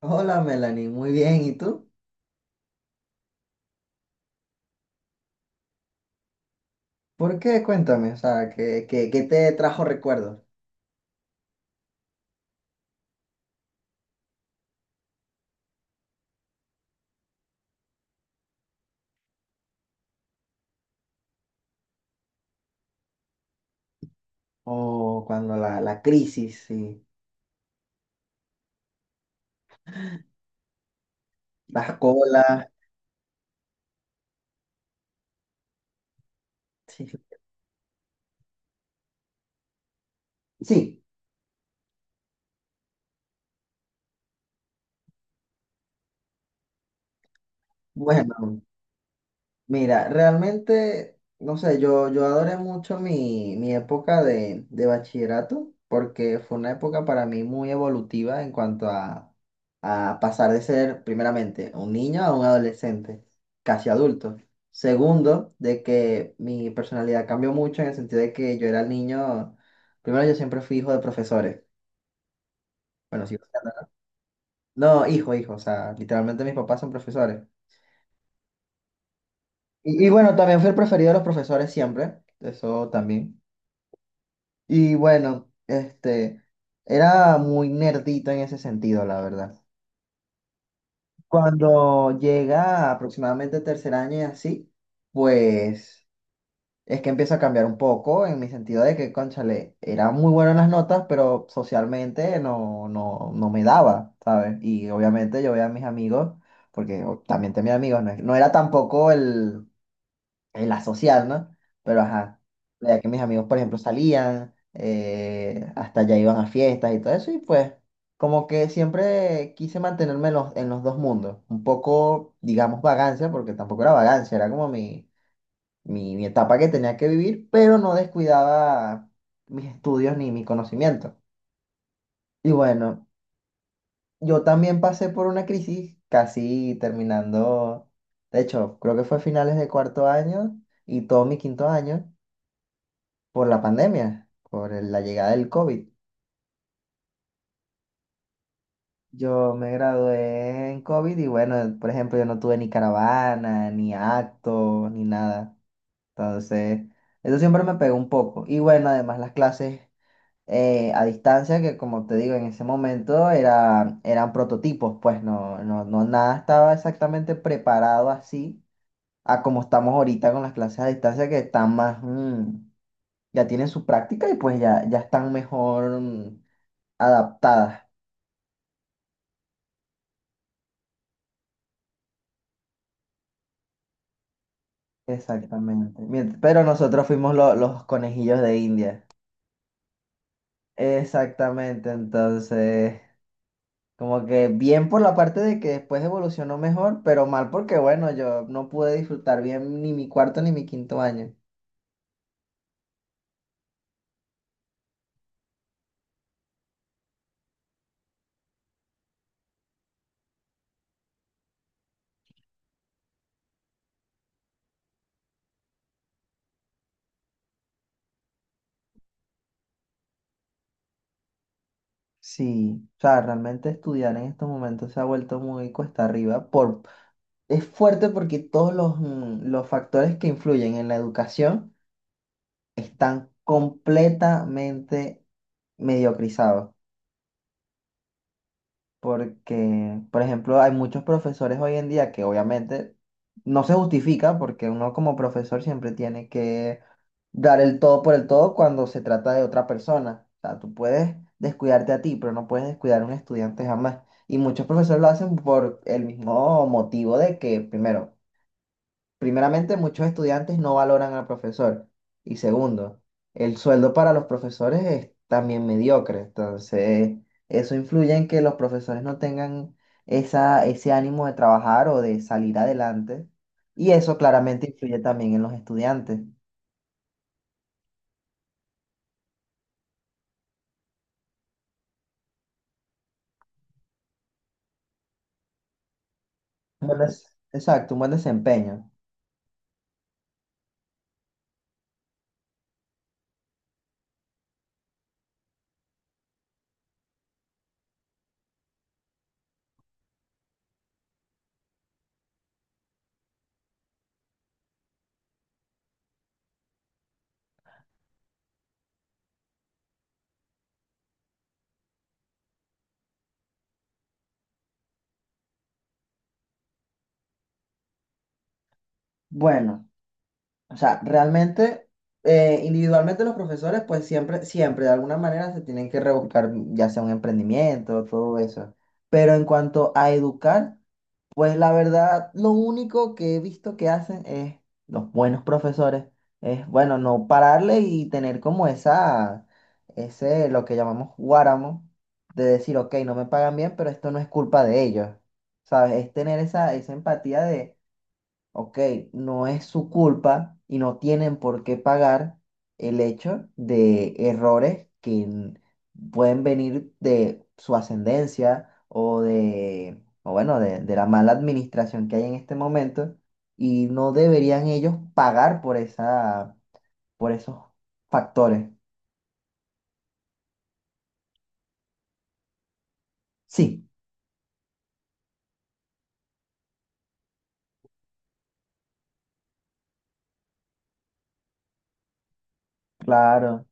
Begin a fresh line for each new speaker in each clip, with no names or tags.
Hola Melanie, muy bien. ¿Y tú? ¿Por qué? Cuéntame, o sea, qué te trajo recuerdos? O cuando la crisis, sí, las colas. Sí, sí, bueno. Mira, realmente, no sé, yo adoré mucho mi época de bachillerato porque fue una época para mí muy evolutiva en cuanto a pasar de ser, primeramente, un niño a un adolescente, casi adulto. Segundo, de que mi personalidad cambió mucho en el sentido de que yo era el niño, primero yo siempre fui hijo de profesores. Bueno, sigo siendo, ¿no? No, hijo, o sea, literalmente mis papás son profesores. Y bueno, también fui el preferido de los profesores siempre, eso también. Y bueno, era muy nerdito en ese sentido, la verdad. Cuando llega aproximadamente tercer año y así, pues es que empieza a cambiar un poco en mi sentido de que, cónchale, era muy bueno en las notas, pero socialmente no me daba, ¿sabes? Y obviamente yo veía a mis amigos, porque también tenía amigos, no, no era tampoco el, en la social, ¿no? Pero ajá, la que mis amigos, por ejemplo, salían, hasta allá iban a fiestas y todo eso, y pues como que siempre quise mantenerme en los dos mundos, un poco, digamos, vagancia, porque tampoco era vagancia, era como mi etapa que tenía que vivir, pero no descuidaba mis estudios ni mi conocimiento. Y bueno, yo también pasé por una crisis casi terminando, de hecho, creo que fue a finales de cuarto año y todo mi quinto año por la pandemia, la llegada del COVID. Yo me gradué en COVID y bueno, por ejemplo, yo no tuve ni caravana, ni acto, ni nada. Entonces, eso siempre me pegó un poco. Y bueno, además las clases a distancia, que como te digo, en ese momento eran prototipos, pues nada estaba exactamente preparado así a como estamos ahorita con las clases a distancia, que están más, ya tienen su práctica y pues ya están mejor adaptadas. Exactamente. Pero nosotros fuimos los conejillos de India. Exactamente, entonces, como que bien por la parte de que después evolucionó mejor, pero mal porque, bueno, yo no pude disfrutar bien ni mi cuarto ni mi quinto año. Sí, o sea, realmente estudiar en estos momentos se ha vuelto muy cuesta arriba. Es fuerte porque todos los factores que influyen en la educación están completamente mediocrizados. Porque, por ejemplo, hay muchos profesores hoy en día que obviamente no se justifica porque uno como profesor siempre tiene que dar el todo por el todo cuando se trata de otra persona. O sea, tú puedes descuidarte a ti, pero no puedes descuidar a un estudiante jamás. Y muchos profesores lo hacen por el mismo motivo de que, primeramente, muchos estudiantes no valoran al profesor. Y segundo, el sueldo para los profesores es también mediocre. Entonces, eso influye en que los profesores no tengan ese ánimo de trabajar o de salir adelante. Y eso claramente influye también en los estudiantes. Exacto, un buen desempeño. Bueno. O sea, realmente, individualmente los profesores, pues siempre, de alguna manera se tienen que rebuscar, ya sea un emprendimiento, todo eso. Pero en cuanto a educar, pues la verdad, lo único que he visto que hacen es, los buenos profesores, es, bueno, no pararle y tener como ese, lo que llamamos guáramo, de decir, ok, no me pagan bien, pero esto no es culpa de ellos. ¿Sabes? Es tener esa empatía, ok, no es su culpa y no tienen por qué pagar el hecho de errores que pueden venir de su ascendencia o bueno, de la mala administración que hay en este momento y no deberían ellos pagar por por esos factores. Sí, claro.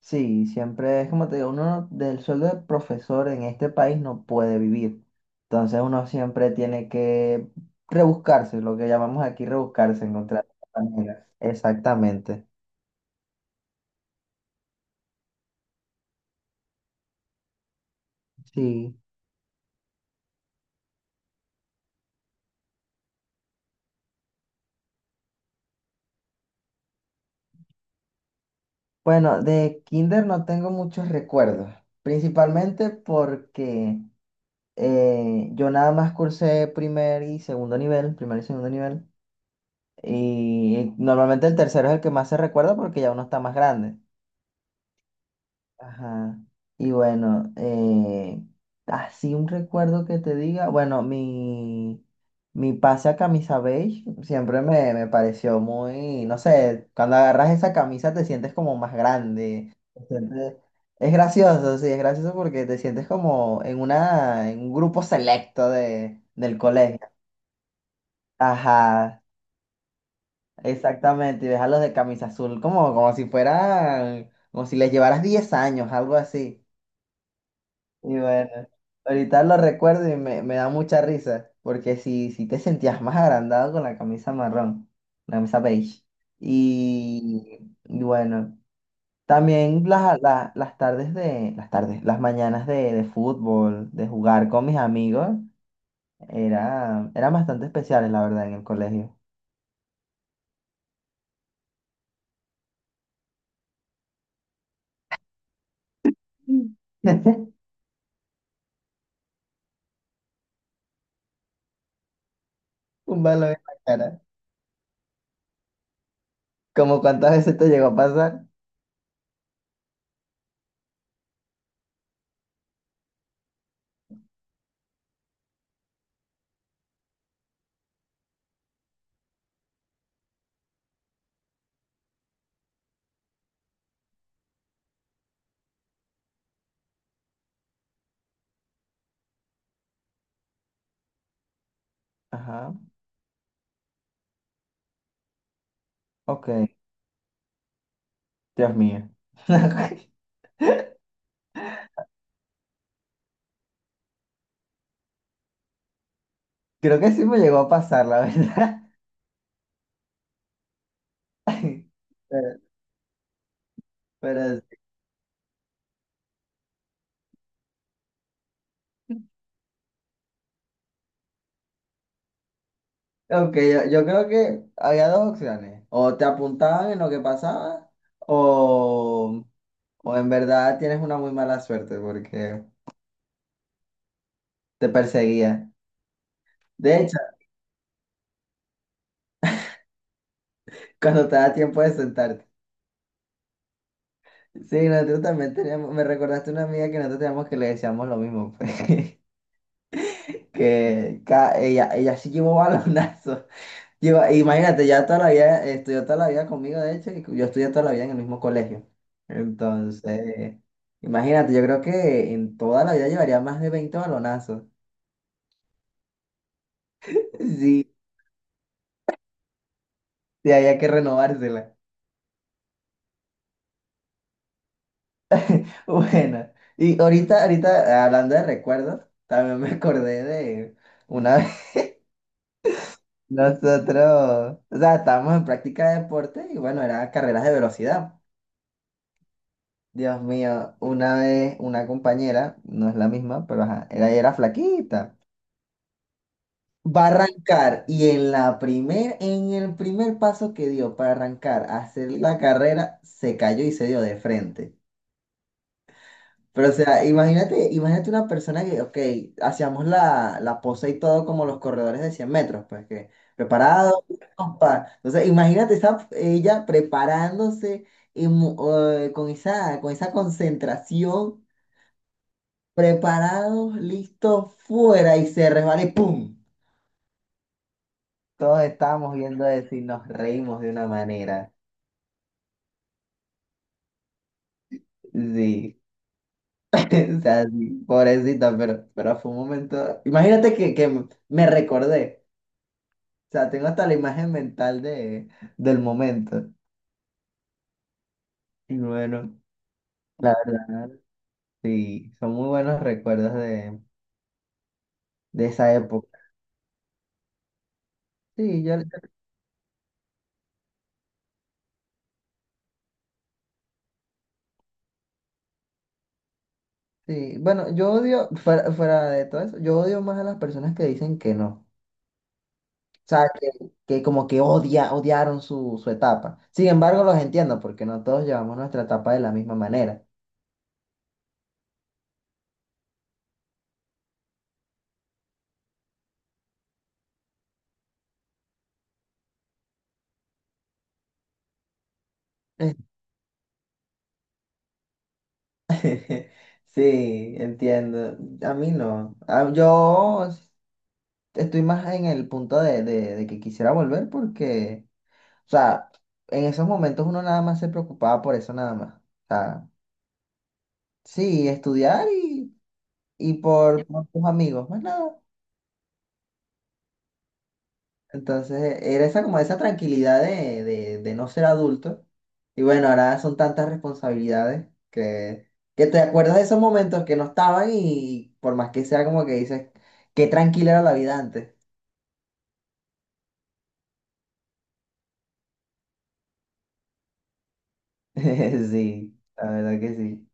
Sí, siempre es como te digo, uno no- del sueldo de profesor en este país no puede vivir. Entonces uno siempre tiene que rebuscarse, lo que llamamos aquí rebuscarse, encontrar la manera. Exactamente. Sí. Bueno, de kinder no tengo muchos recuerdos, principalmente porque yo nada más cursé primer y segundo nivel, y normalmente el tercero es el que más se recuerda porque ya uno está más grande. Ajá. Y bueno, así un recuerdo que te diga, bueno, mi pase a camisa beige siempre me pareció muy, no sé, cuando agarras esa camisa te sientes como más grande. Es gracioso, sí, es gracioso porque te sientes como en en un grupo selecto del colegio. Ajá, exactamente. Y ves a los de camisa azul como si les llevaras 10 años, algo así. Y bueno, ahorita lo recuerdo y me da mucha risa, porque si te sentías más agrandado con la camisa marrón, la camisa beige. Y bueno, también las tardes de, las mañanas de fútbol, de jugar con mis amigos, eran bastante especiales, la verdad, en el colegio. Mm. Un balón en la cara. Como cuántas veces te llegó a pasar. Ajá, ok, Dios mío. Creo que sí me llegó a pasar, la verdad. Pero, pero, sí. Ok, yo creo que había dos opciones. O te apuntaban en lo que pasaba, o, o en verdad tienes una muy mala suerte porque te perseguía. De hecho, cuando te da tiempo de sentarte. Sí, nosotros también teníamos, me recordaste una amiga que nosotros teníamos que le decíamos lo mismo, pues, que ella sí llevó balonazos. Imagínate, ya toda la vida, estudió toda la vida conmigo, de hecho, y yo estudié toda la vida en el mismo colegio. Entonces, imagínate, yo creo que en toda la vida llevaría más de 20 balonazos. Sí, sí, había que renovársela. Bueno, y ahorita, hablando de recuerdos, también me acordé de una vez nosotros, o sea, estábamos en práctica de deporte y bueno, eran carreras de velocidad. Dios mío, una vez una compañera, no es la misma, pero ajá, era flaquita. Va a arrancar y en en el primer paso que dio para arrancar a hacer la carrera, se cayó y se dio de frente. Pero o sea, imagínate, imagínate una persona que, ok, hacíamos la pose y todo como los corredores de 100 metros, pues que preparado, pa. Entonces, imagínate ella preparándose y con con esa concentración, preparados, listos, fuera y se resbala y ¡pum! Todos estábamos viendo eso y nos reímos de una manera. Sí, o sea, sí, pobrecita, pero fue un momento. Imagínate que me recordé. O sea, tengo hasta la imagen mental del momento. Y bueno, la verdad, sí, son muy buenos recuerdos de esa época. Sí, sí. Bueno, yo odio, fuera de todo eso, yo odio más a las personas que dicen que no. Sea, que como que odiaron su etapa. Sin embargo, los entiendo porque no todos llevamos nuestra etapa de la misma manera. Sí, entiendo. A mí no. Ah, yo estoy más en el punto de que quisiera volver porque, o sea, en esos momentos uno nada más se preocupaba por eso nada más. O sea, sí, estudiar y por tus amigos, más nada. Entonces, era esa como esa tranquilidad de no ser adulto. Y bueno, ahora son tantas responsabilidades que te acuerdas de esos momentos que no estaban y por más que sea como que dices, qué tranquila era la vida antes. Sí, la verdad que sí.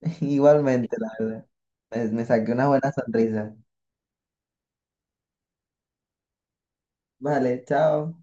Igualmente, la verdad. Me saqué una buena sonrisa. Vale, chao.